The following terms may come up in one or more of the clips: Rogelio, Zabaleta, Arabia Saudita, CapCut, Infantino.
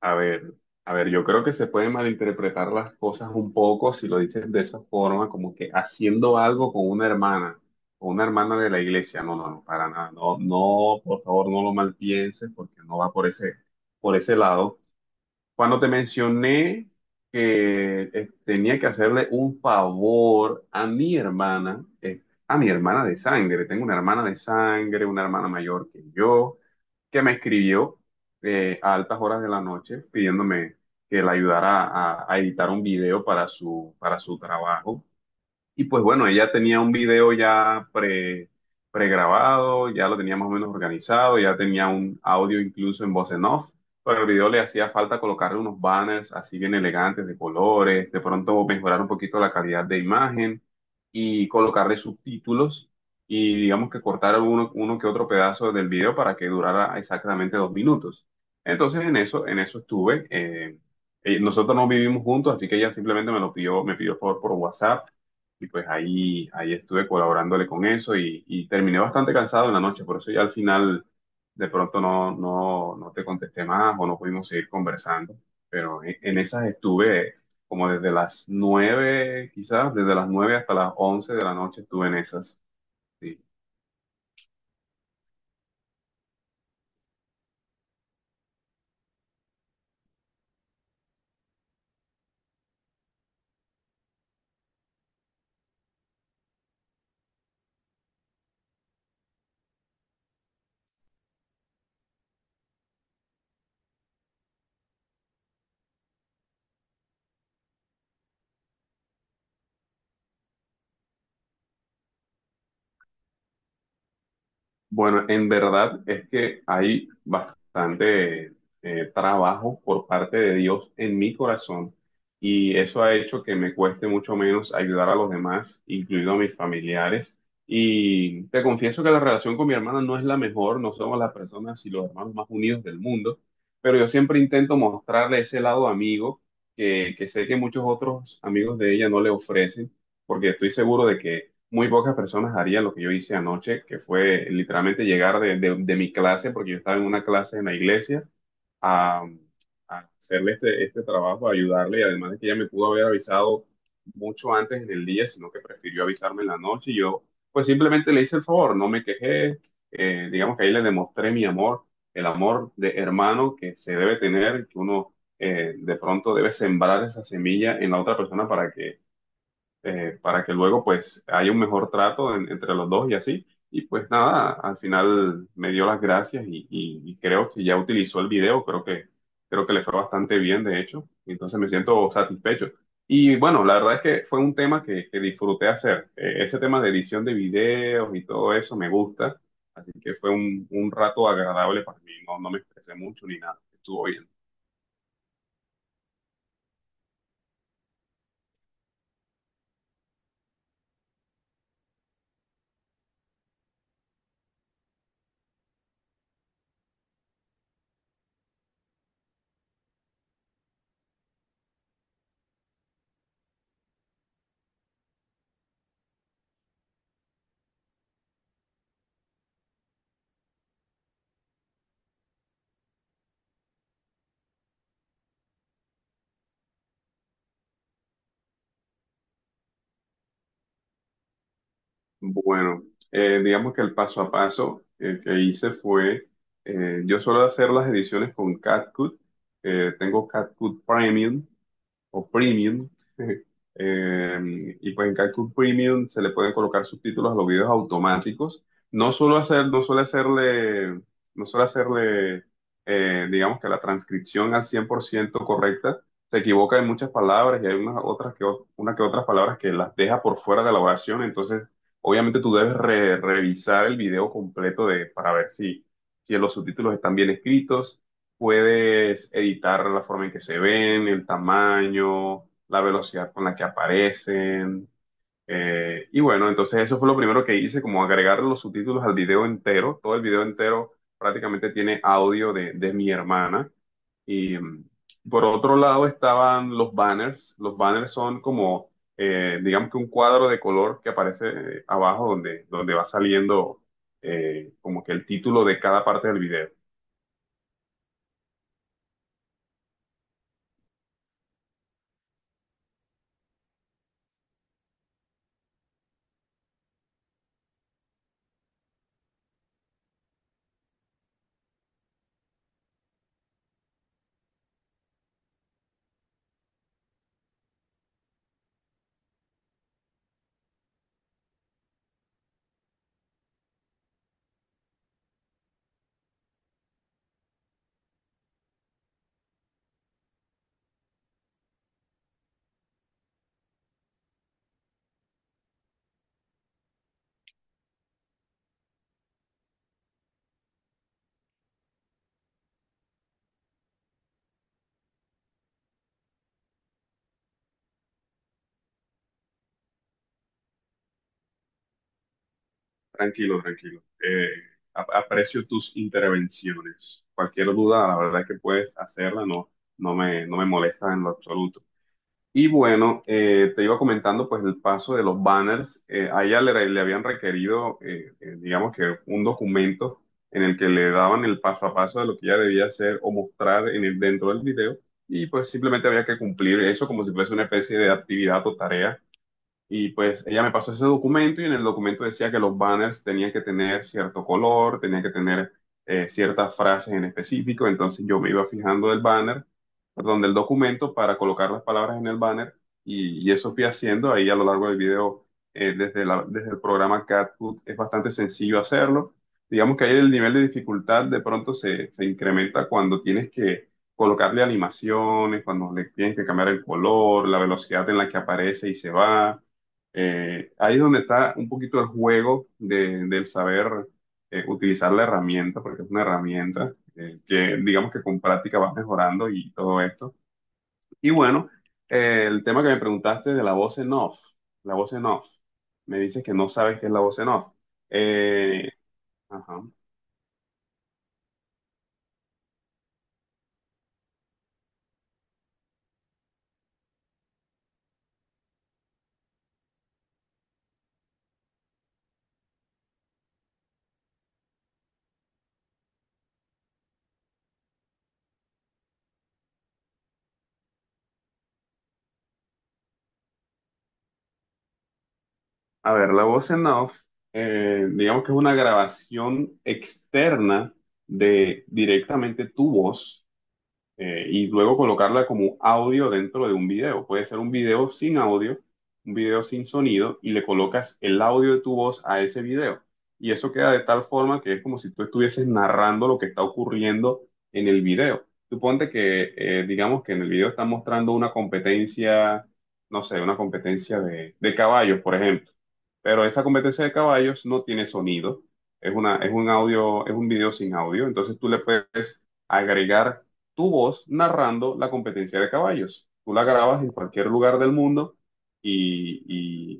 A ver, a ver, yo creo que se pueden malinterpretar las cosas un poco si lo dices de esa forma, como que haciendo algo con una hermana de la iglesia. No, no, no, para nada. No, no, por favor, no lo malpienses porque no va por ese lado. Cuando te mencioné que tenía que hacerle un favor a mi hermana de sangre, tengo una hermana de sangre, una hermana mayor que yo, que me escribió a altas horas de la noche pidiéndome que la ayudara a editar un video para para su trabajo. Y pues bueno, ella tenía un video ya pregrabado, ya lo tenía más o menos organizado, ya tenía un audio incluso en voz en off, pero al video le hacía falta colocarle unos banners así bien elegantes de colores, de pronto mejorar un poquito la calidad de imagen y colocarle subtítulos y digamos que cortar uno que otro pedazo del video para que durara exactamente 2 minutos. Entonces en eso estuve. Nosotros no vivimos juntos, así que ella simplemente me lo pidió, me pidió por WhatsApp y pues ahí estuve colaborándole con eso y terminé bastante cansado en la noche, por eso ya al final de pronto no te contesté más o no pudimos seguir conversando, pero en esas estuve como desde las 9, quizás, desde las 9 hasta las 11 de la noche estuve en esas. Sí. Bueno, en verdad es que hay bastante trabajo por parte de Dios en mi corazón y eso ha hecho que me cueste mucho menos ayudar a los demás, incluido a mis familiares. Y te confieso que la relación con mi hermana no es la mejor, no somos las personas y los hermanos más unidos del mundo, pero yo siempre intento mostrarle ese lado amigo que sé que muchos otros amigos de ella no le ofrecen, porque estoy seguro de que muy pocas personas harían lo que yo hice anoche, que fue literalmente llegar de mi clase, porque yo estaba en una clase en la iglesia, a, a hacerle este trabajo, a ayudarle, y además de que ella me pudo haber avisado mucho antes en el día, sino que prefirió avisarme en la noche, y yo pues simplemente le hice el favor, no me quejé, digamos que ahí le demostré mi amor, el amor de hermano que se debe tener, que uno de pronto debe sembrar esa semilla en la otra persona para que luego pues haya un mejor trato entre los dos y así. Y pues nada, al final me dio las gracias y creo que ya utilizó el video, creo que le fue bastante bien de hecho, entonces me siento satisfecho. Y bueno, la verdad es que fue un tema que disfruté hacer. Ese tema de edición de videos y todo eso me gusta, así que fue un rato agradable para mí, no, no me estresé mucho ni nada, estuvo bien. Bueno, digamos que el paso a paso que hice fue, yo suelo hacer las ediciones con CapCut, tengo CapCut Premium o premium. Y pues en CapCut Premium se le pueden colocar subtítulos a los videos automáticos. No suelo hacer, no suele hacerle, no suele hacerle, Digamos que la transcripción al 100% correcta. Se equivoca en muchas palabras y hay unas otras que, una que otras palabras que las deja por fuera de la oración. Entonces, obviamente tú debes revisar el video completo de, para ver si, si los subtítulos están bien escritos. Puedes editar la forma en que se ven, el tamaño, la velocidad con la que aparecen. Y bueno, entonces eso fue lo primero que hice, como agregar los subtítulos al video entero. Todo el video entero prácticamente tiene audio de mi hermana. Y por otro lado estaban los banners. Los banners son como, digamos que un cuadro de color que aparece abajo donde va saliendo como que el título de cada parte del video. Tranquilo, tranquilo. Aprecio tus intervenciones. Cualquier duda, la verdad es que puedes hacerla, no, no me molesta en lo absoluto. Y bueno, te iba comentando pues el paso de los banners. A ella le habían requerido, digamos que un documento en el que le daban el paso a paso de lo que ella debía hacer o mostrar en el, dentro del video. Y pues simplemente había que cumplir eso como si fuese una especie de actividad o tarea y pues ella me pasó ese documento y en el documento decía que los banners tenían que tener cierto color, tenían que tener ciertas frases en específico. Entonces yo me iba fijando el banner, perdón, del documento para colocar las palabras en el banner y eso fui haciendo ahí a lo largo del video. Desde el programa CatFood es bastante sencillo hacerlo. Digamos que ahí el nivel de dificultad de pronto se incrementa cuando tienes que colocarle animaciones, cuando le tienes que cambiar el color, la velocidad en la que aparece y se va. Ahí es donde está un poquito el juego del saber utilizar la herramienta, porque es una herramienta que digamos que con práctica vas mejorando y todo esto. Y bueno, el tema que me preguntaste de la voz en off, la voz en off, me dices que no sabes qué es la voz en off. Eh, ajá. A ver, la voz en off, digamos que es una grabación externa de directamente tu voz y luego colocarla como audio dentro de un video. Puede ser un video sin audio, un video sin sonido, y le colocas el audio de tu voz a ese video. Y eso queda de tal forma que es como si tú estuvieses narrando lo que está ocurriendo en el video. Suponte que, digamos que en el video están mostrando una competencia, no sé, una competencia de caballos, por ejemplo. Pero esa competencia de caballos no tiene sonido. Es un audio, es un video sin audio. Entonces tú le puedes agregar tu voz narrando la competencia de caballos. Tú la grabas en cualquier lugar del mundo y,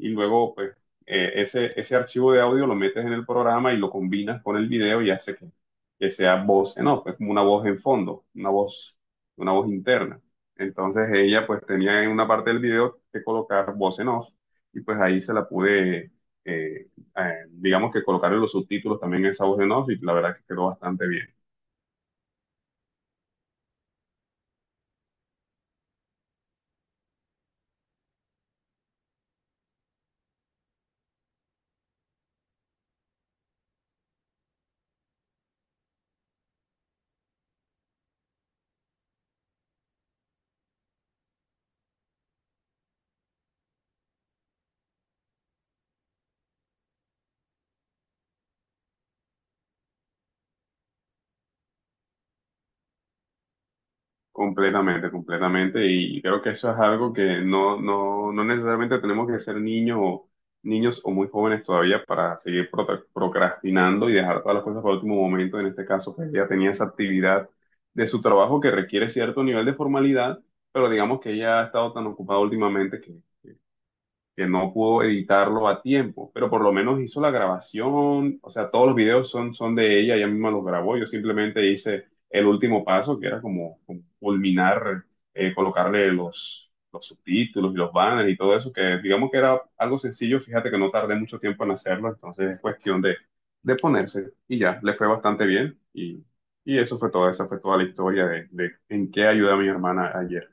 y luego pues, ese archivo de audio lo metes en el programa y lo combinas con el video y hace que sea voz en off, es como una voz en fondo, una voz interna. Entonces ella pues tenía en una parte del video que colocar voz en off y pues ahí se la pude, eh, digamos que colocar en los subtítulos también esa voz en off y la verdad que quedó bastante bien. Completamente, completamente. Y creo que eso es algo que no, no, no necesariamente tenemos que ser niños o niños o muy jóvenes todavía para seguir procrastinando y dejar todas las cosas para el último momento. En este caso, pues ella tenía esa actividad de su trabajo que requiere cierto nivel de formalidad, pero digamos que ella ha estado tan ocupada últimamente que no pudo editarlo a tiempo, pero por lo menos hizo la grabación, o sea, todos los videos son de ella, ella misma los grabó, yo simplemente hice el último paso, que era como, como culminar, los subtítulos y los banners y todo eso, que digamos que era algo sencillo, fíjate que no tardé mucho tiempo en hacerlo, entonces es cuestión de ponerse y ya, le fue bastante bien y eso fue todo, esa fue toda la historia de en qué ayudé a mi hermana ayer.